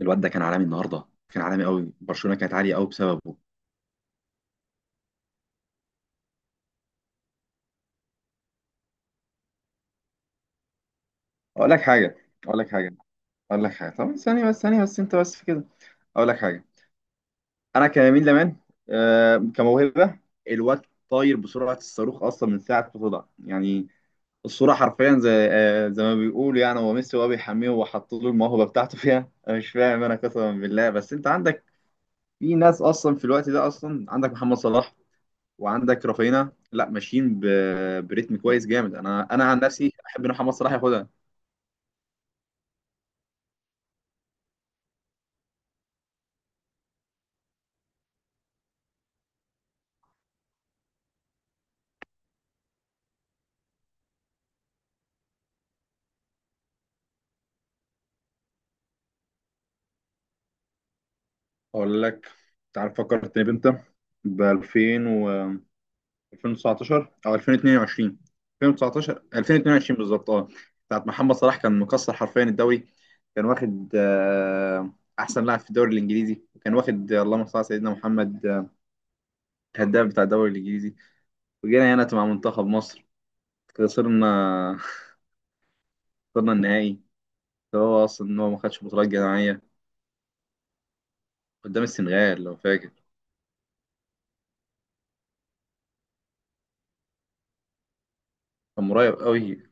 الواد ده كان عالمي النهارده، كان عالمي قوي. برشلونه كانت عاليه قوي بسببه. اقول لك حاجه. اقول لك حاجه. اقول لك حاجه. طب ثانيه بس ثانيه بس، انت بس في كده. اقول لك حاجه. انا كيمين لمان، كموهبه. الواد طاير بسرعه الصاروخ اصلا من ساعه ما طلع يعني. الصوره حرفيا زي ما بيقولوا، يعني هو ميسي وهو بيحميه وحط له الموهبه بتاعته فيها. انا مش فاهم، انا قسما بالله. بس انت عندك في ناس اصلا في الوقت ده، اصلا عندك محمد صلاح، وعندك رافينا لا ماشيين بريتم كويس جامد. انا عن نفسي احب ان محمد صلاح ياخدها. اقول لك، انت عارف فكرتني بامتى؟ ب 2000 و 2019 او 2022، 2019 2022 بالظبط، اه. بتاعت محمد صلاح كان مكسر حرفيا الدوري. كان واخد احسن لاعب في الدوري الانجليزي، وكان واخد اللهم صل على سيدنا محمد، الهداف بتاع الدوري الانجليزي. وجينا هنا مع منتخب مصر، خسرنا خسرنا النهائي. هو اصلا ان هو ما خدش بطولات جماعيه. قدام السنغال لو فاكر، كان قريب قوي.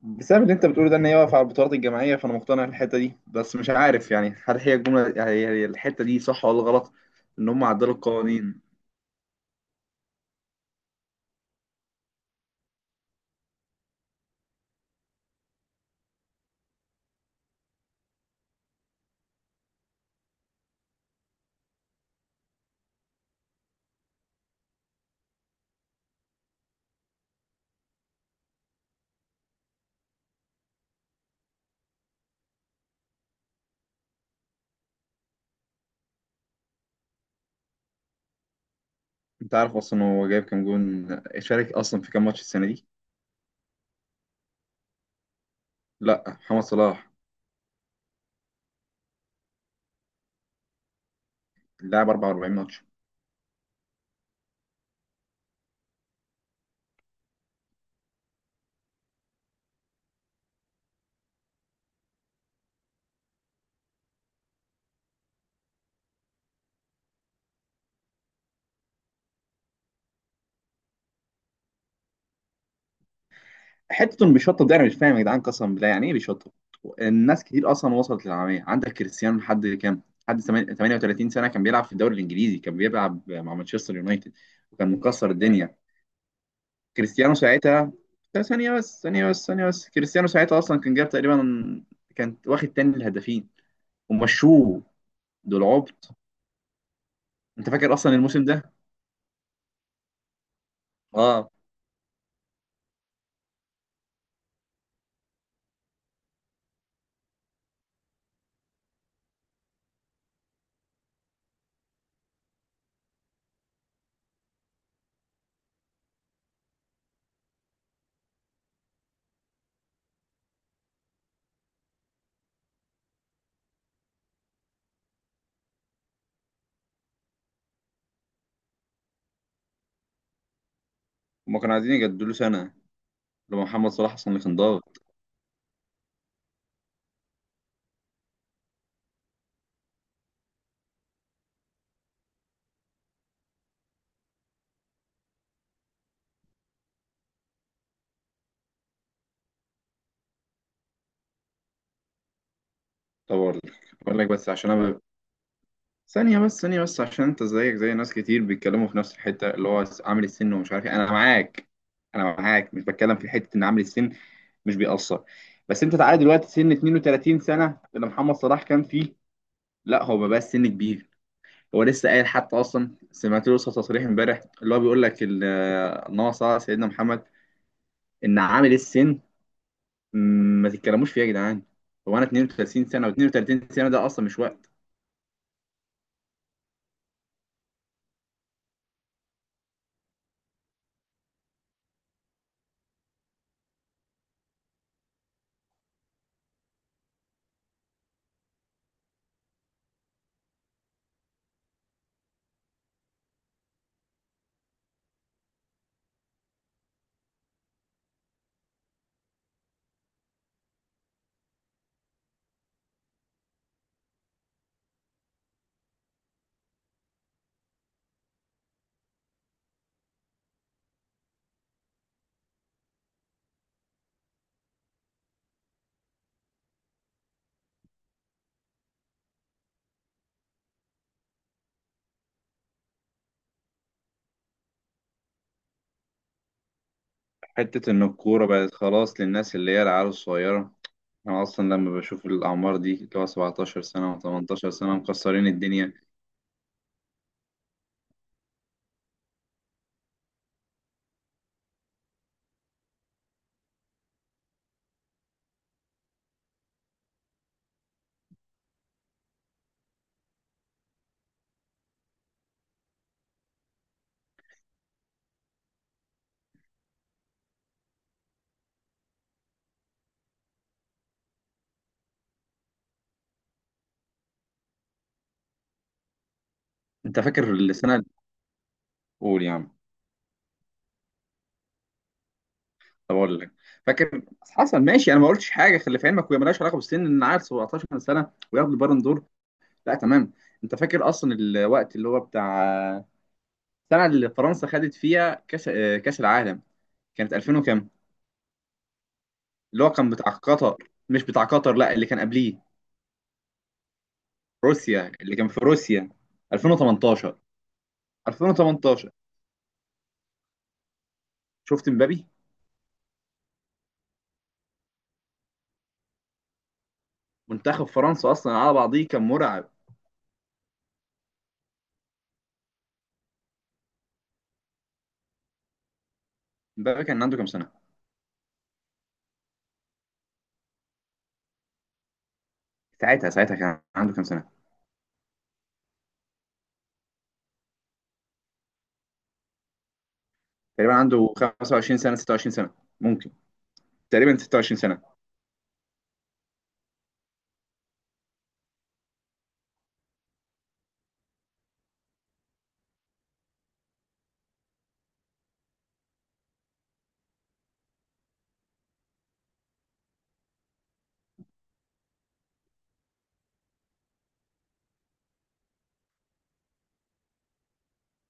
بسبب اللي انت بتقوله ده، ان هي واقفه على البطولات الجماعيه. فانا مقتنع بالحته دي، بس مش عارف يعني، هل هي الجمله، يعني هي الحته دي صح ولا غلط، ان هم عدلوا القوانين. انت عارف اصلا هو جايب كام جون؟ شارك اصلا في كام ماتش السنه دي؟ لا، محمد صلاح لعب 44 ماتش. حته انه بيشطب ده انا مش فاهم يا جدعان قسما بالله، يعني ايه بيشطب؟ الناس كتير اصلا وصلت للعالميه. عندك كريستيانو لحد كام؟ لحد 38 سنه كان بيلعب في الدوري الانجليزي، كان بيلعب مع مانشستر يونايتد وكان مكسر الدنيا. كريستيانو ساعتها، لا، ثانية بس ثانية بس ثانية بس، كريستيانو ساعتها أصلا كان جاب تقريبا، كان واخد تاني الهدافين ومشوه. دول عبط. أنت فاكر أصلا الموسم ده؟ أه، هما كانوا عايزين يجددوا له سنة، لما محمد صلاح أصلا اللي كان ضاغط. طور. بقول لك بس عشان أنا ثانية بس ثانية بس، عشان أنت زيك زي ناس كتير بيتكلموا في نفس الحتة اللي هو عامل السن، ومش عارف إيه. أنا معاك، أنا معاك، مش بتكلم في حتة إن عامل السن مش بيأثر. بس أنت تعالى دلوقتي، سن 32 سنة اللي محمد صلاح كان فيه، لا هو بقى السن كبير. هو لسه قايل حتى، اصلا سمعت له تصريح امبارح اللي هو بيقول لك ان هو صلى على سيدنا محمد، ان عامل السن، ما تتكلموش فيه يا جدعان. هو انا 32 سنه، و32 سنه ده اصلا مش وقت. حته ان الكوره بقت خلاص للناس اللي هي العيال الصغيره، انا اصلا لما بشوف الاعمار دي اللي هو 17 سنه و18 سنه مكسرين الدنيا. انت فاكر السنه الاولى يعني؟ طب اقول لك. فاكر؟ حصل، ماشي، انا ما قلتش حاجه، خلي في علمك، وهي مالهاش علاقه بالسن ان عيل 17 سنه وياخد البالون دور، لا تمام. انت فاكر اصلا الوقت اللي هو بتاع السنه اللي فرنسا خدت فيها كاس العالم، كانت 2000 وكام؟ اللي هو كان بتاع قطر، مش بتاع قطر لا، اللي كان قبليه، روسيا، اللي كان في روسيا. 2018 2018. شفت مبابي؟ منتخب فرنسا اصلا على بعضيه كان مرعب. مبابي كان عنده كام سنه؟ ساعتها ساعتها كان عنده كام سنه؟ تقريبا عنده 25 سنه 26 سنه، ممكن، تقريبا 26 سنة.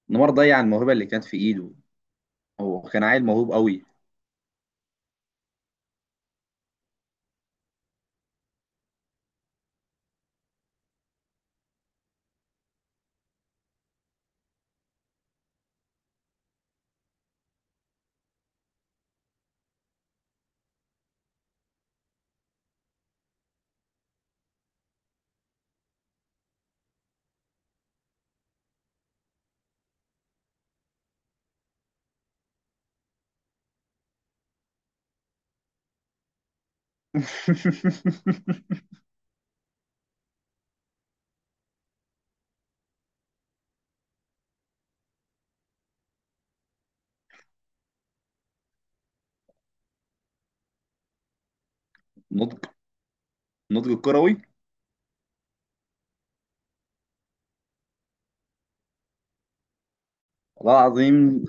نيمار ضيع الموهبة اللي كانت في ايده. هو كان عيل موهوب قوي. نضج، نضج الكروي. والله العظيم،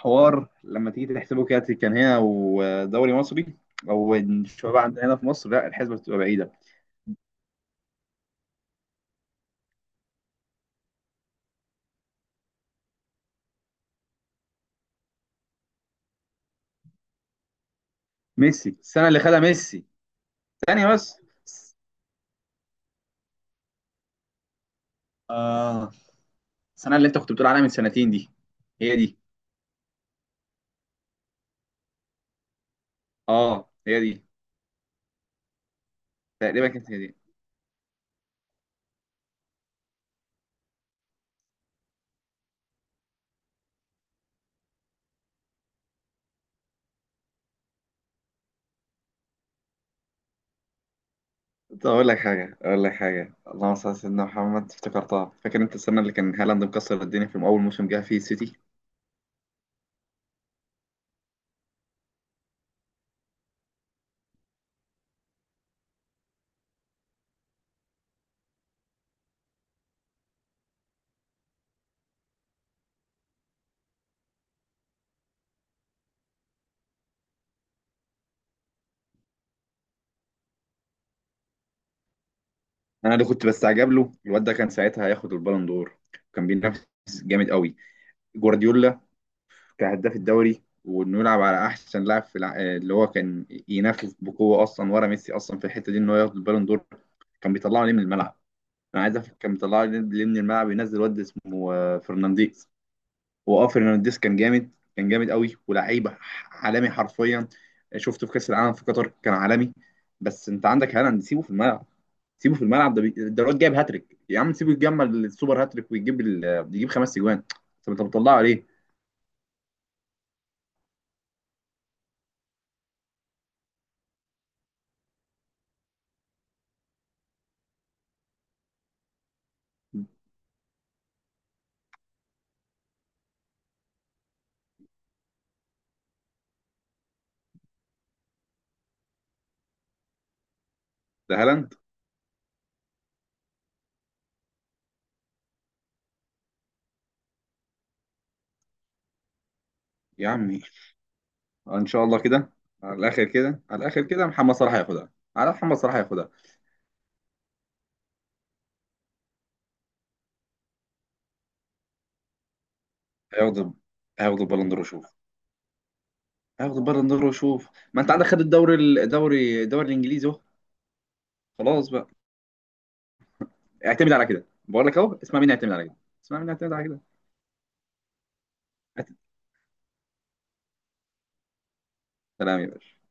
حوار لما تيجي تحسبه كده كان هنا ودوري مصري، او الشباب عندنا هنا في مصر، لا، الحسبة بتبقى بعيدة. ميسي، السنة اللي خدها ميسي، ثانية بس، آه السنة اللي أنت كنت بتقول عليها من سنتين دي، هي دي. آه، هي دي. تقريبا كانت هي دي. طب أقول لك حاجة اللهم صل على سيدنا محمد، افتكرتها. فاكر أنت السنة اللي كان هالاند مكسر الدنيا في أول موسم جه فيه السيتي؟ أنا اللي كنت بستعجب له، الواد ده كان ساعتها هياخد البالون دور. كان بينافس جامد قوي جوارديولا كهداف الدوري، وإنه يلعب على أحسن لاعب اللي هو كان ينافس بقوة أصلا ورا ميسي أصلا في الحتة دي إن هو ياخد البالون دور. كان بيطلعه ليه من الملعب؟ أنا عايز أفهم، كان بيطلعه ليه من الملعب؟ ينزل واد اسمه فرنانديز. واه فرنانديز كان جامد، كان جامد قوي، ولعيب عالمي حرفيا. شفته في كاس العالم في قطر كان عالمي. بس انت عندك هالاند، سيبه في الملعب، سيبه في الملعب، ده الواد جايب هاتريك يا عم، سيبه يتجمل السوبر هاتريك، ويجيب ال... يجيب خمس اجوان. طب انت بتطلعه ليه؟ ده هالاند. يا عمي ان شاء الله كده. على الاخر كده، على الاخر كده، محمد صلاح هياخدها، على محمد صلاح هياخدها. هياخد هياخد البالون دور وشوف. هياخد البالون دور وشوف. ما انت عندك، خد الدوري، الدوري الانجليزي اهو. خلاص بقى. اعتمد على كده بقول لك اهو، اسمع مني اعتمد على كده، اسمع مني اعتمد على كده. أت- سلام. يا باشا.